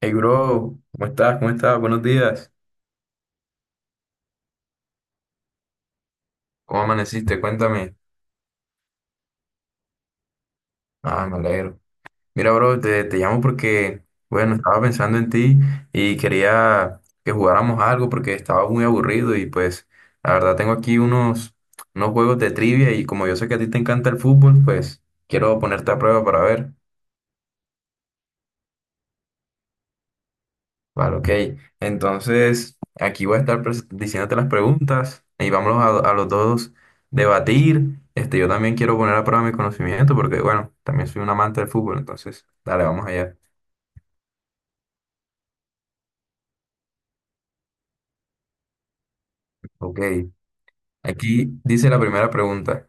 Hey, bro, ¿cómo estás? ¿Cómo estás? Buenos días. ¿Cómo amaneciste? Cuéntame. Ah, me alegro. Mira, bro, te llamo porque, bueno, estaba pensando en ti y quería que jugáramos algo porque estaba muy aburrido y pues, la verdad, tengo aquí unos juegos de trivia y como yo sé que a ti te encanta el fútbol, pues quiero ponerte a prueba para ver. Vale, ok. Entonces, aquí voy a estar diciéndote las preguntas y vámonos a los dos debatir. Este, yo también quiero poner a prueba mi conocimiento porque, bueno, también soy un amante del fútbol, entonces, dale, vamos allá. Ok. Aquí dice la primera pregunta.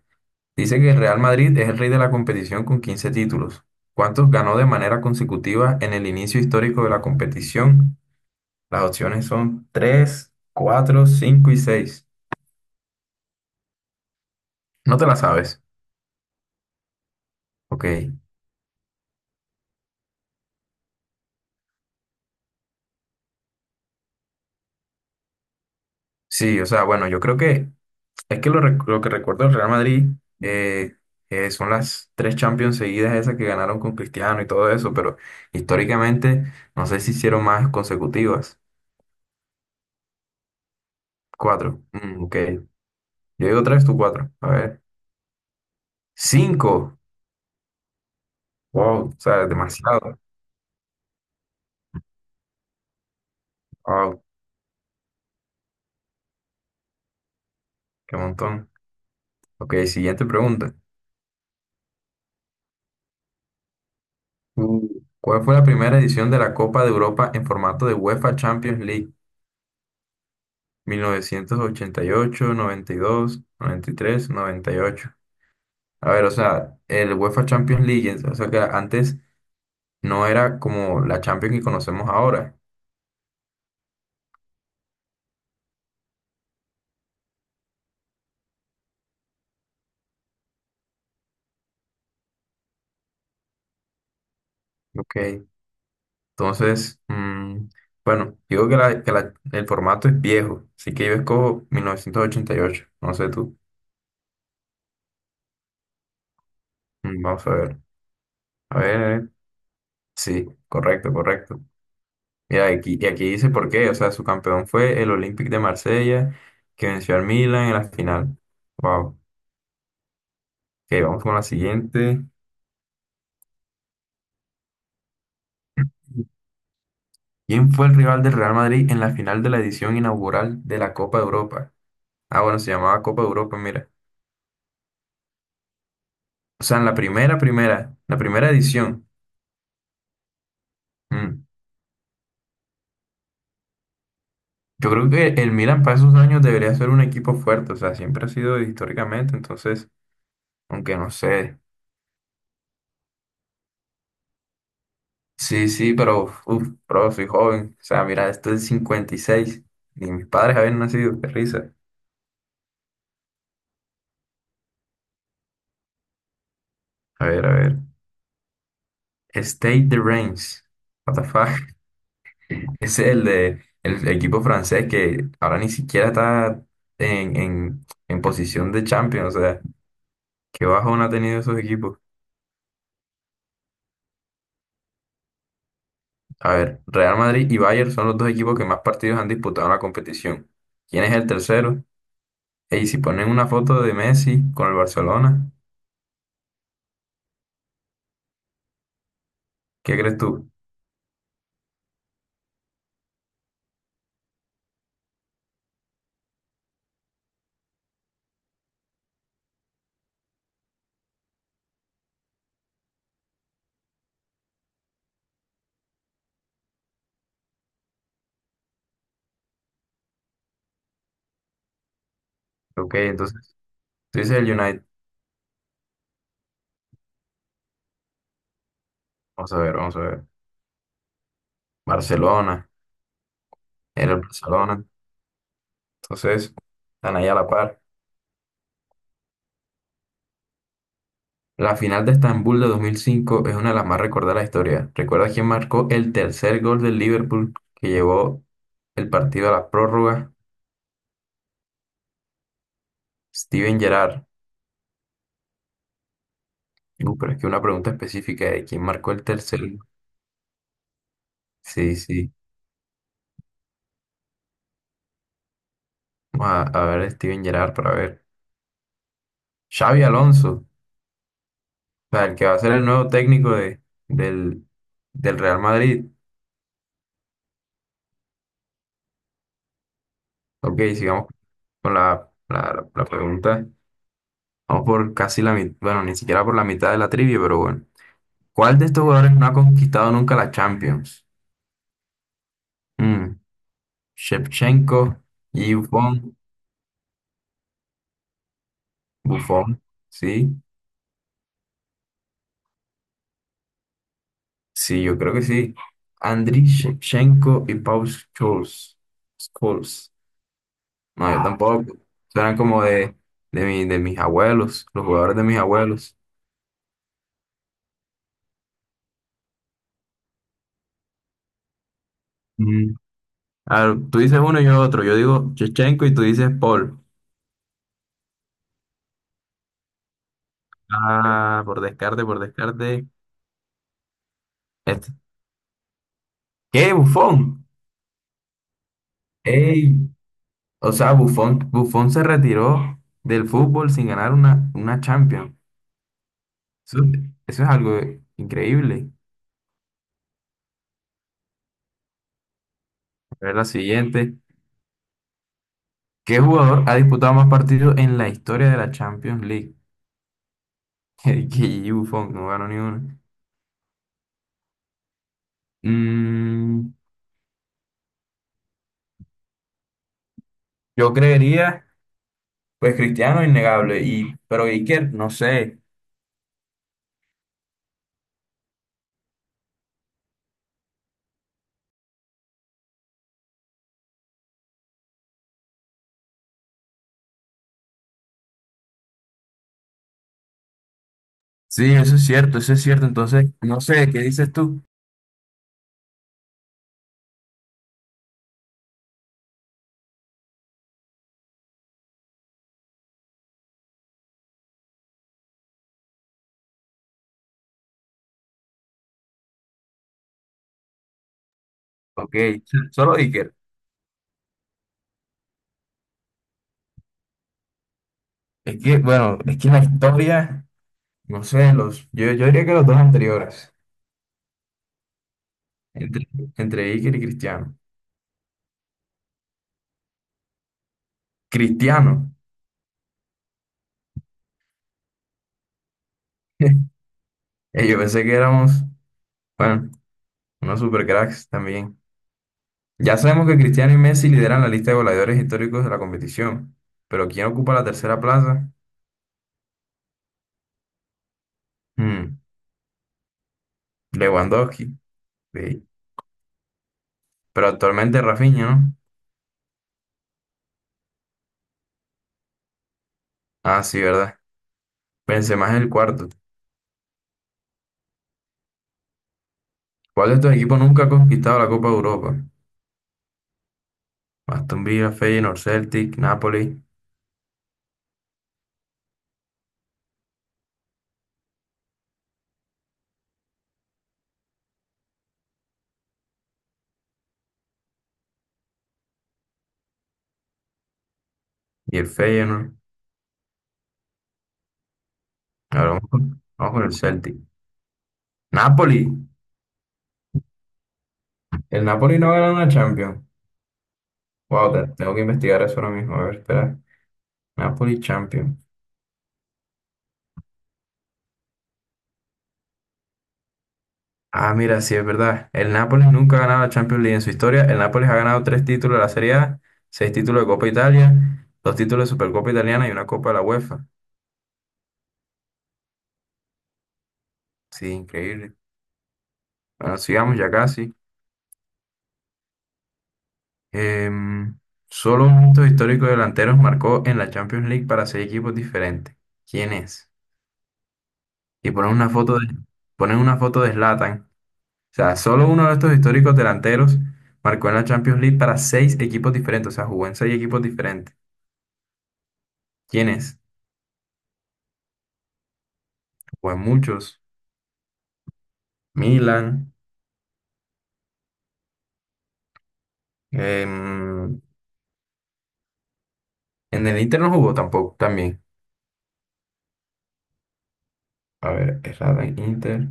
Dice que el Real Madrid es el rey de la competición con 15 títulos. ¿Cuántos ganó de manera consecutiva en el inicio histórico de la competición? Las opciones son tres, cuatro, 5 y seis. No te la sabes. Ok. Sí, o sea, bueno, yo creo que es que lo que recuerdo del Real Madrid eh, son las tres Champions seguidas esas que ganaron con Cristiano y todo eso, pero históricamente no sé si hicieron más consecutivas. Cuatro, ok. Yo digo tres, tú cuatro. A ver. Cinco. Wow, o sea, demasiado. Wow, qué montón. Ok, siguiente pregunta. Mm. ¿Cuál fue la primera edición de la Copa de Europa en formato de UEFA Champions League? Mil novecientos ochenta y ocho, noventa, noventa dos, noventa y tres, noventa y ocho. A ver, o sea, el UEFA Champions League, o sea que antes no era como la Champions que conocemos ahora. Ok. Entonces, bueno, digo que, el formato es viejo, así que yo escojo 1988. No sé tú. Vamos a ver. A ver, sí, correcto, correcto. Mira, aquí, y aquí dice por qué. O sea, su campeón fue el Olympique de Marsella, que venció al Milan en la final. Wow. Ok, vamos con la siguiente. ¿Quién fue el rival del Real Madrid en la final de la edición inaugural de la Copa de Europa? Ah, bueno, se llamaba Copa de Europa, mira. O sea, en la primera edición. Mm. Yo creo que el Milan para esos años debería ser un equipo fuerte, o sea, siempre ha sido históricamente, entonces, aunque no sé. Sí, sí, pero, bro, soy joven. O sea, mira, esto es 56. Ni mis padres habían nacido, qué risa. A ver, a ver. State the Reigns. What the fuck? Es el de el equipo francés que ahora ni siquiera está en posición de Champions. O sea, qué bajón ha tenido esos equipos. A ver, Real Madrid y Bayern son los dos equipos que más partidos han disputado en la competición. ¿Quién es el tercero? Y si ponen una foto de Messi con el Barcelona, ¿qué crees tú? Ok, entonces tú dices el United. Vamos a ver, vamos a ver. Barcelona, era el Barcelona. Entonces, están ahí a la par. La final de Estambul de 2005 es una de las más recordadas de la historia. ¿Recuerda quién marcó el tercer gol del Liverpool que llevó el partido a la prórroga? Steven Gerrard. Pero es que una pregunta específica de quién marcó el tercer. Sí, sí. Vamos a ver Steven Gerrard para ver. Xavi Alonso, o sea, el que va a ser el nuevo técnico del, del Real Madrid. Ok, sigamos con la pregunta. Vamos por casi la mitad, bueno, ni siquiera por la mitad de la trivia, pero bueno. ¿Cuál de estos jugadores no ha conquistado nunca la Champions? Mm, Shevchenko, y Buffon, Buffon, sí, sí, yo creo que sí. Andriy Shevchenko y Paul Scholes. Scholes. No, yo tampoco. Suenan como de mis abuelos, los jugadores de mis abuelos. Mm. A ver, tú dices uno y yo otro. Yo digo Shevchenko y tú dices Paul. Ah, por descarte, por descarte. Este. ¿Qué, Buffon? ¡Ey! O sea, Buffon, Buffon se retiró del fútbol sin ganar una Champions. Eso, eso es algo increíble. A ver la siguiente. ¿Qué jugador ha disputado más partidos en la historia de la Champions League? Que Buffon no ganó ni uno. Mm, yo creería, pues Cristiano, innegable. Y, pero Iker, no sé. Sí, eso es cierto, eso es cierto. Entonces, no sé, ¿qué dices tú? Ok, solo Iker. Es que, bueno, es que la historia. No sé, yo diría que los dos anteriores, entre, entre Iker y Cristiano. Cristiano. Yo pensé que éramos, bueno, unos supercracks también. Ya sabemos que Cristiano y Messi lideran la lista de goleadores históricos de la competición, pero ¿quién ocupa la tercera plaza? Hmm, Lewandowski, sí. Pero actualmente Rafinha, ¿no? Ah, sí, ¿verdad? Benzema es el cuarto. ¿Cuál de estos equipos nunca ha conquistado la Copa de Europa? Aston Villa, Feyenoord, Celtic, Napoli y el Feyenoord. Ahora vamos con el Celtic. Napoli. El Napoli no gana una Champions. Wow, tengo que investigar eso ahora mismo. A ver, espera. Napoli Champions. Ah, mira, sí, es verdad. El Napoli nunca ha ganado la Champions League en su historia. El Napoli ha ganado tres títulos de la Serie A, seis títulos de Copa Italia, dos títulos de Supercopa Italiana y una Copa de la UEFA. Sí, increíble. Bueno, sigamos ya casi. Em, solo un hito histórico de delanteros marcó en la Champions League para seis equipos diferentes. ¿Quién es? Y ponen una foto de, ponen una foto de Zlatan. O sea, solo uno de estos históricos delanteros marcó en la Champions League para seis equipos diferentes. O sea, jugó en seis equipos diferentes. ¿Quiénes? Jugó en muchos. Milan. em, en el Inter no jugó tampoco, también. A ver, errada en Inter.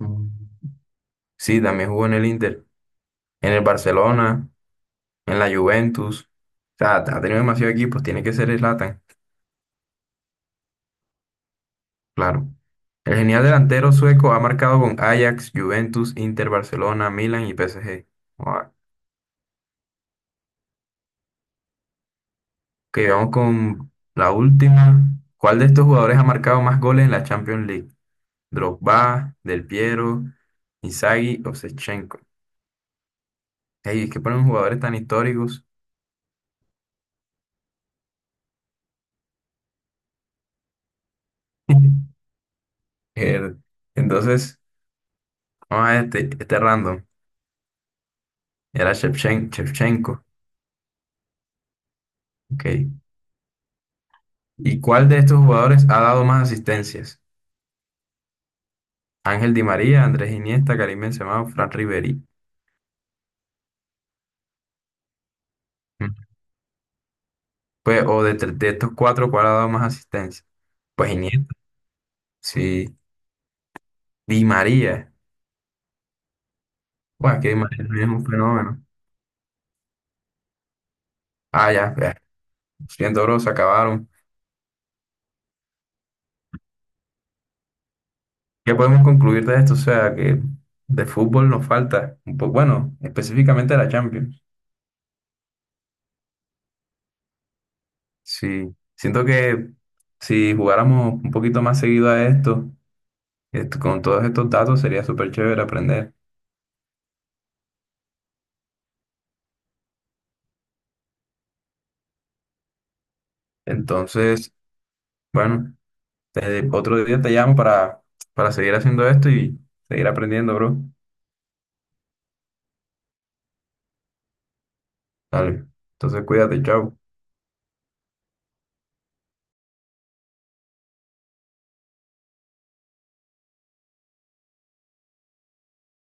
Mm. Sí, también jugó en el Inter. En el Barcelona, en la Juventus. O sea, ha tenido demasiados equipos. Tiene que ser Zlatan, claro. El genial delantero sueco ha marcado con Ajax, Juventus, Inter, Barcelona, Milan y PSG. Ok, vamos con la última. ¿Cuál de estos jugadores ha marcado más goles en la Champions League? Drogba, Del Piero, Inzaghi o Shevchenko. Ey, es que ponen jugadores tan históricos. El- entonces, vamos a este random. Era Shevchenko. Ok. ¿Y cuál de estos jugadores ha dado más asistencias? Ángel Di María, Andrés Iniesta, Karim Benzema o Fran Riveri. Mm. Pues, o de, tre- de estos cuatro, ¿cuál ha dado más asistencias? Pues Iniesta, sí. Di María. Bueno, que imagínate, es un fenómeno. Ah, ya, ya. Lo siento, bro, se acabaron. ¿Qué podemos concluir de esto? O sea, que de fútbol nos falta. Bueno, específicamente la Champions. Sí. Siento que si jugáramos un poquito más seguido a esto, con todos estos datos sería súper chévere aprender. Entonces, bueno, otro día te llamo para, seguir haciendo esto y seguir aprendiendo, bro. Dale. Entonces, cuídate, chao.